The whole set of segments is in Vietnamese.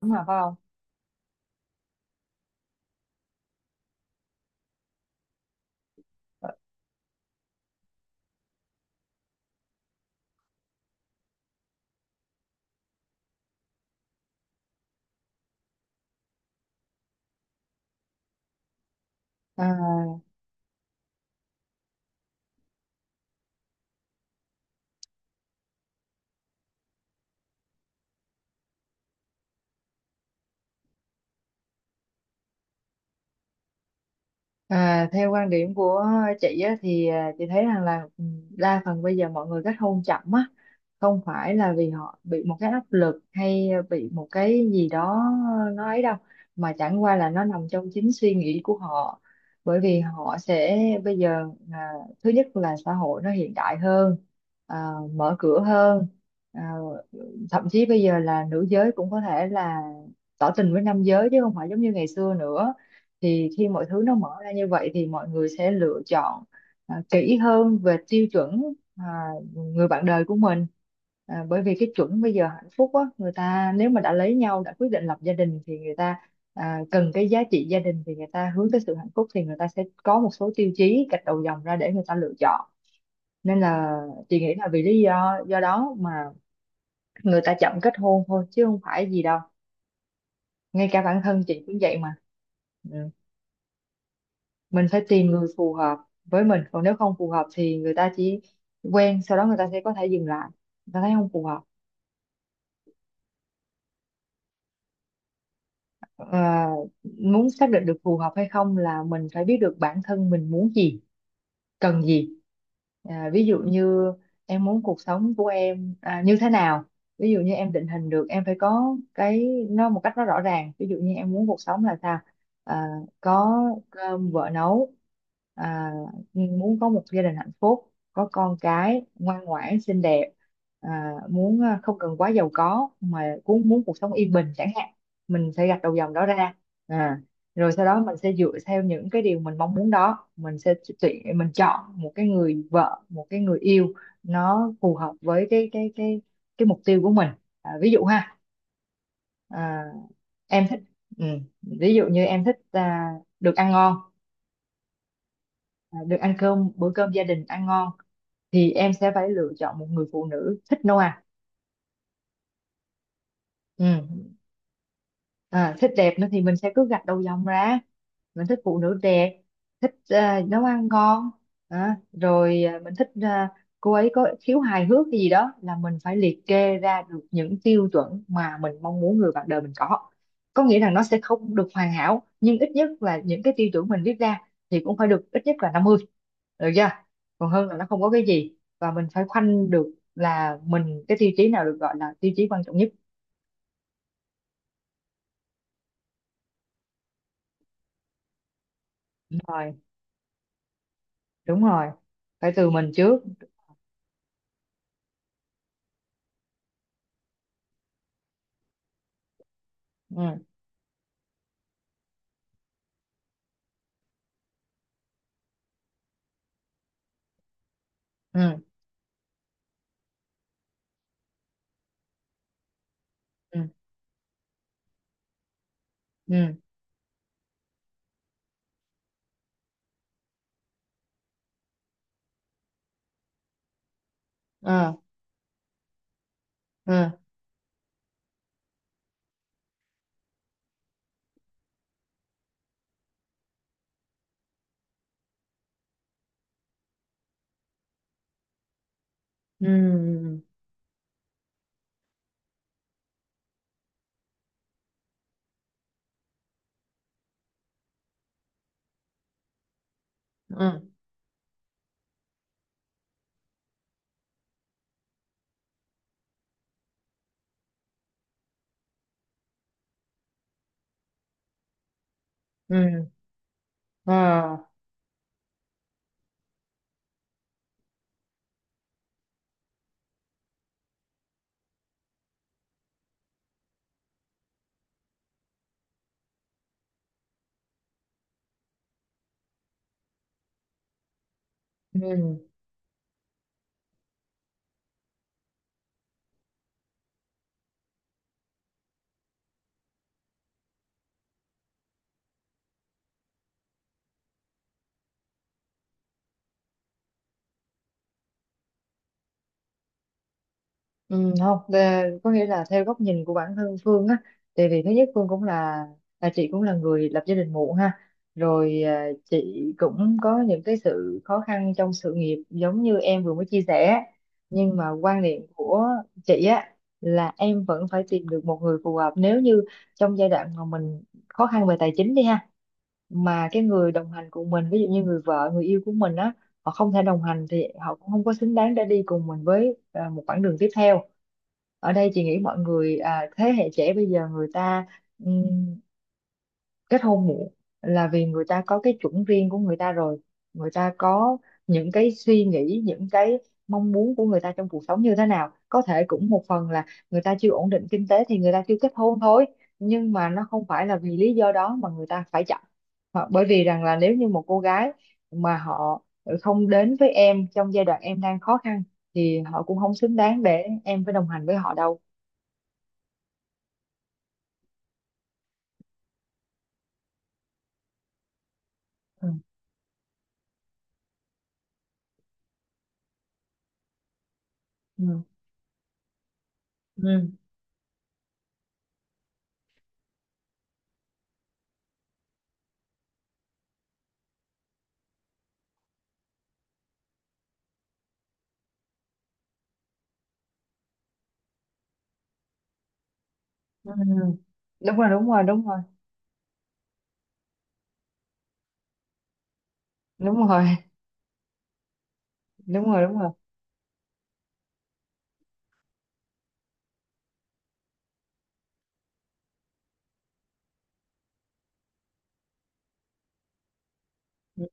Đúng rồi phải không? À, theo quan điểm của chị á, chị thấy rằng là đa phần bây giờ mọi người kết hôn chậm á không phải là vì họ bị một cái áp lực hay bị một cái gì đó nó ấy đâu, mà chẳng qua là nó nằm trong chính suy nghĩ của họ. Bởi vì họ sẽ bây giờ, à, thứ nhất là xã hội nó hiện đại hơn, mở cửa hơn, ờ, thậm chí bây giờ là nữ giới cũng có thể là tỏ tình với nam giới chứ không phải giống như ngày xưa nữa. Thì khi mọi thứ nó mở ra như vậy thì mọi người sẽ lựa chọn kỹ hơn về tiêu chuẩn à, người bạn đời của mình, bởi vì cái chuẩn bây giờ hạnh phúc á, người ta nếu mà đã lấy nhau đã quyết định lập gia đình thì người ta cần cái giá trị gia đình, thì người ta hướng tới sự hạnh phúc thì người ta sẽ có một số tiêu chí gạch đầu dòng ra để người ta lựa chọn. Nên là chị nghĩ là vì lý do đó mà người ta chậm kết hôn thôi chứ không phải gì đâu, ngay cả bản thân chị cũng vậy mà. Ừ. Mình phải tìm người phù hợp với mình, còn nếu không phù hợp thì người ta chỉ quen sau đó người ta sẽ có thể dừng lại, người ta thấy không phù hợp. Ờ, Muốn xác định được phù hợp hay không là mình phải biết được bản thân mình muốn gì, cần gì. Ví dụ như em muốn cuộc sống của em như thế nào, ví dụ như em định hình được em phải có cái nó một cách nó rõ ràng, ví dụ như em muốn cuộc sống là sao, à, có cơm vợ nấu, à, muốn có một gia đình hạnh phúc có con cái ngoan ngoãn xinh đẹp, muốn không cần quá giàu có mà cũng muốn cuộc sống yên bình chẳng hạn. Mình sẽ gạch đầu dòng đó ra. À, Rồi sau đó mình sẽ dựa theo những cái điều mình mong muốn đó, mình sẽ tuyển, mình chọn một cái người vợ, một cái người yêu nó phù hợp với cái mục tiêu của mình. Ví dụ ha, à, em thích, ừ, ví dụ như em thích được ăn ngon, được ăn cơm, bữa cơm gia đình ăn ngon, thì em sẽ phải lựa chọn một người phụ nữ thích nấu ăn. ừ, Thích đẹp nữa thì mình sẽ cứ gạch đầu dòng ra, mình thích phụ nữ đẹp, thích nấu ăn ngon, rồi mình thích cô ấy có khiếu hài hước, cái gì đó là mình phải liệt kê ra được những tiêu chuẩn mà mình mong muốn người bạn đời mình có. Có nghĩa là nó sẽ không được hoàn hảo, nhưng ít nhất là những cái tiêu chuẩn mình viết ra thì cũng phải được ít nhất là năm mươi, được chưa? Còn hơn là nó không có cái gì, và mình phải khoanh được là mình cái tiêu chí nào được gọi là tiêu chí quan trọng nhất. Rồi, đúng rồi, phải từ mình trước. Ừ ừ ừ ừ ờ, ờ, ừ ừ ừ ừ ờ, ừ. Ừ, không là- có nghĩa là theo góc nhìn của bản thân Phương á, thì vì thứ nhất Phương cũng là chị cũng là người lập gia đình muộn ha, rồi chị cũng có những cái sự khó khăn trong sự nghiệp giống như em vừa mới chia sẻ, nhưng mà quan điểm của chị á là em vẫn phải tìm được một người phù hợp. Nếu như trong giai đoạn mà mình khó khăn về tài chính đi ha, mà cái người đồng hành cùng mình, ví dụ như người vợ người yêu của mình á, họ không thể đồng hành thì họ cũng không có xứng đáng để đi cùng mình với một quãng đường tiếp theo. Ở đây chị nghĩ mọi người, thế hệ trẻ bây giờ người ta kết hôn muộn là vì người ta có cái chuẩn riêng của người ta rồi, người ta có những cái suy nghĩ, những cái mong muốn của người ta trong cuộc sống như thế nào. Có thể cũng một phần là người ta chưa ổn định kinh tế thì người ta chưa kết hôn thôi, nhưng mà nó không phải là vì lý do đó mà người ta phải chọn. Hoặc- bởi vì rằng là nếu như một cô gái mà họ không đến với em trong giai đoạn em đang khó khăn, thì họ cũng không xứng đáng để em phải đồng hành với họ đâu. Ừ. Ừ. Ừ. Ừ. Đúng rồi, đúng rồi, đúng rồi. Đúng rồi. Đúng rồi. Đúng rồi. Ừ.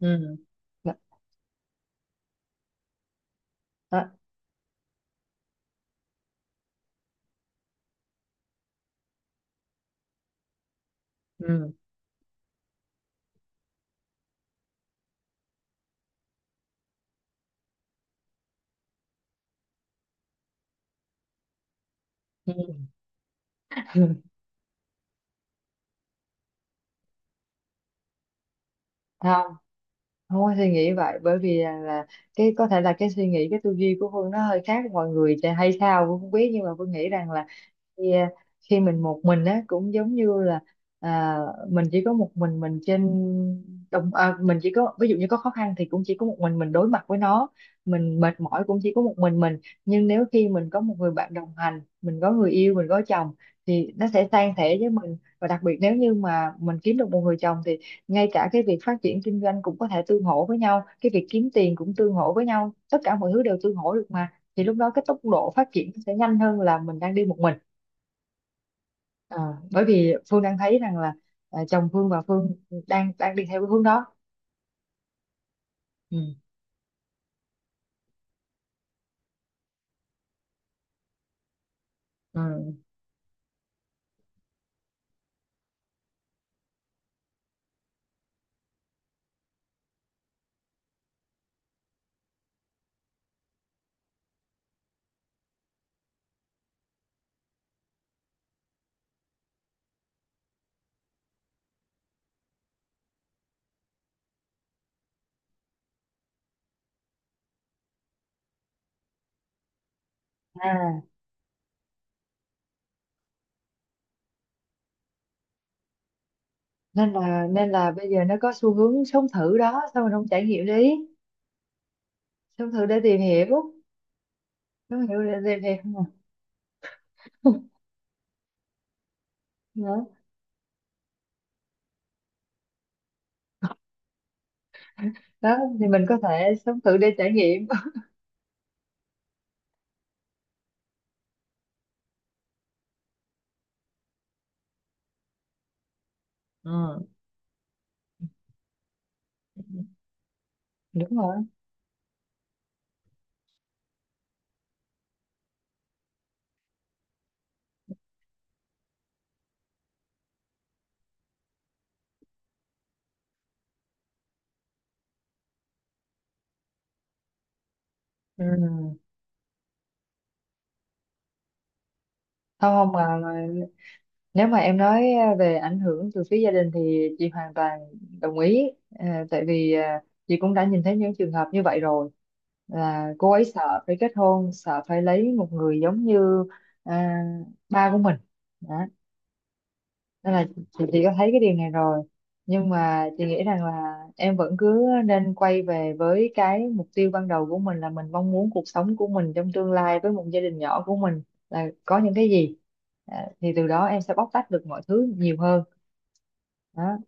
Ừ. Đó. Ừ. Ừ. Không. Không có suy nghĩ vậy, bởi vì là cái có thể là cái suy nghĩ, cái tư duy của Phương nó hơi khác mọi người thì hay sao Phương không biết, nhưng mà Phương nghĩ rằng là khi, khi mình một mình á cũng giống như là, à, mình chỉ có một mình trên đồng, mình chỉ có ví dụ như có khó khăn thì cũng chỉ có một mình đối mặt với nó, mình mệt mỏi cũng chỉ có một mình mình. Nhưng nếu khi mình có một người bạn đồng hành, mình có người yêu, mình có chồng, thì nó sẽ san sẻ với mình. Và đặc biệt nếu như mà mình kiếm được một người chồng thì ngay cả cái việc phát triển kinh doanh cũng có thể tương hỗ với nhau, cái việc kiếm tiền cũng tương hỗ với nhau, tất cả mọi thứ đều tương hỗ được mà, thì lúc đó cái tốc độ phát triển sẽ nhanh hơn là mình đang đi một mình. Ờ, Bởi vì Phương đang thấy rằng là chồng Phương và Phương đang đang đi theo cái hướng đó. Ừ. Ừ. À, Nên là, nên là bây giờ nó có xu hướng sống thử đó, sao mình không trải nghiệm đi, sống thử để tìm hiểu. Sống hiểu để tìm hiểu mà. Đó. Đó thì mình có thể sống thử để trải nghiệm. Ừ. Đúng rồi. Ừ. Không không mà, mà nếu mà em nói về ảnh hưởng từ phía gia đình thì chị hoàn toàn đồng ý. Ờ, tại vì chị cũng đã nhìn thấy những trường hợp như vậy rồi, là cô ấy sợ phải kết hôn, sợ phải lấy một người giống như ờ, ba của mình. Đó, nên là chị có thấy cái điều này rồi, nhưng mà chị nghĩ rằng là em vẫn cứ nên quay về với cái mục tiêu ban đầu của mình, là mình mong muốn cuộc sống của mình trong tương lai với một gia đình nhỏ của mình là có những cái gì, thì từ đó em sẽ bóc tách được mọi thứ nhiều hơn. Đó.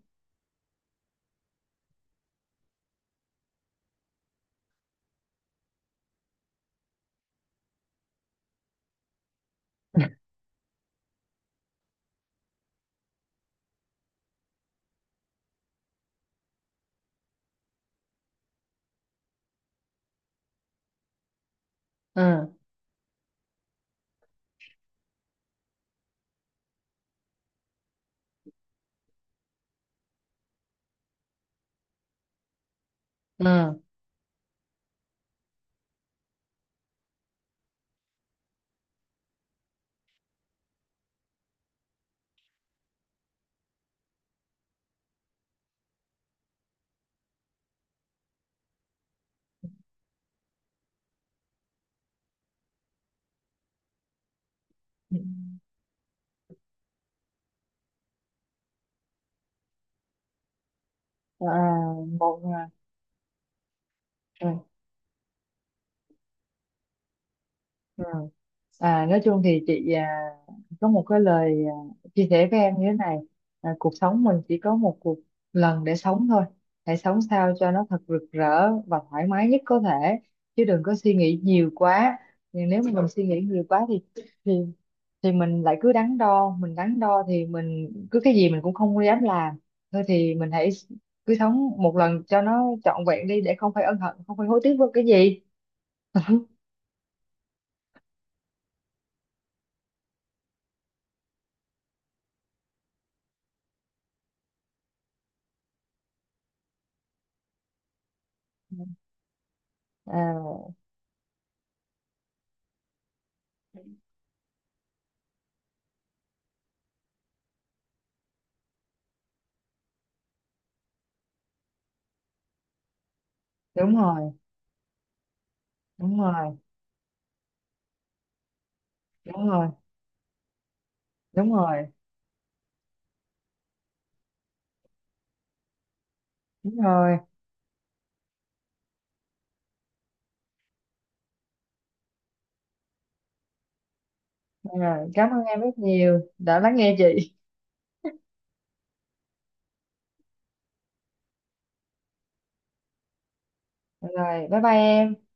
ừ ừ à, một à, Ừ. Nói chung thì chị có một cái lời chia sẻ với em như thế này. Cuộc sống mình chỉ có một cuộc, lần để sống thôi, hãy sống sao cho nó thật rực rỡ và thoải mái nhất có thể, chứ đừng có suy nghĩ nhiều quá. Nhưng nếu mà mình suy nghĩ nhiều quá thì, thì thì mình lại cứ đắn đo, mình đắn đo thì mình cứ cái gì mình cũng không dám làm. Thôi thì mình hãy cứ sống một lần cho nó trọn vẹn đi, để không phải ân hận, không phải hối tiếc với cái gì. à, Đúng rồi. Đúng rồi. Đúng rồi. Đúng rồi. Đúng rồi. Rồi, cảm ơn em rất nhiều đã lắng nghe chị. Rồi, bye bye em.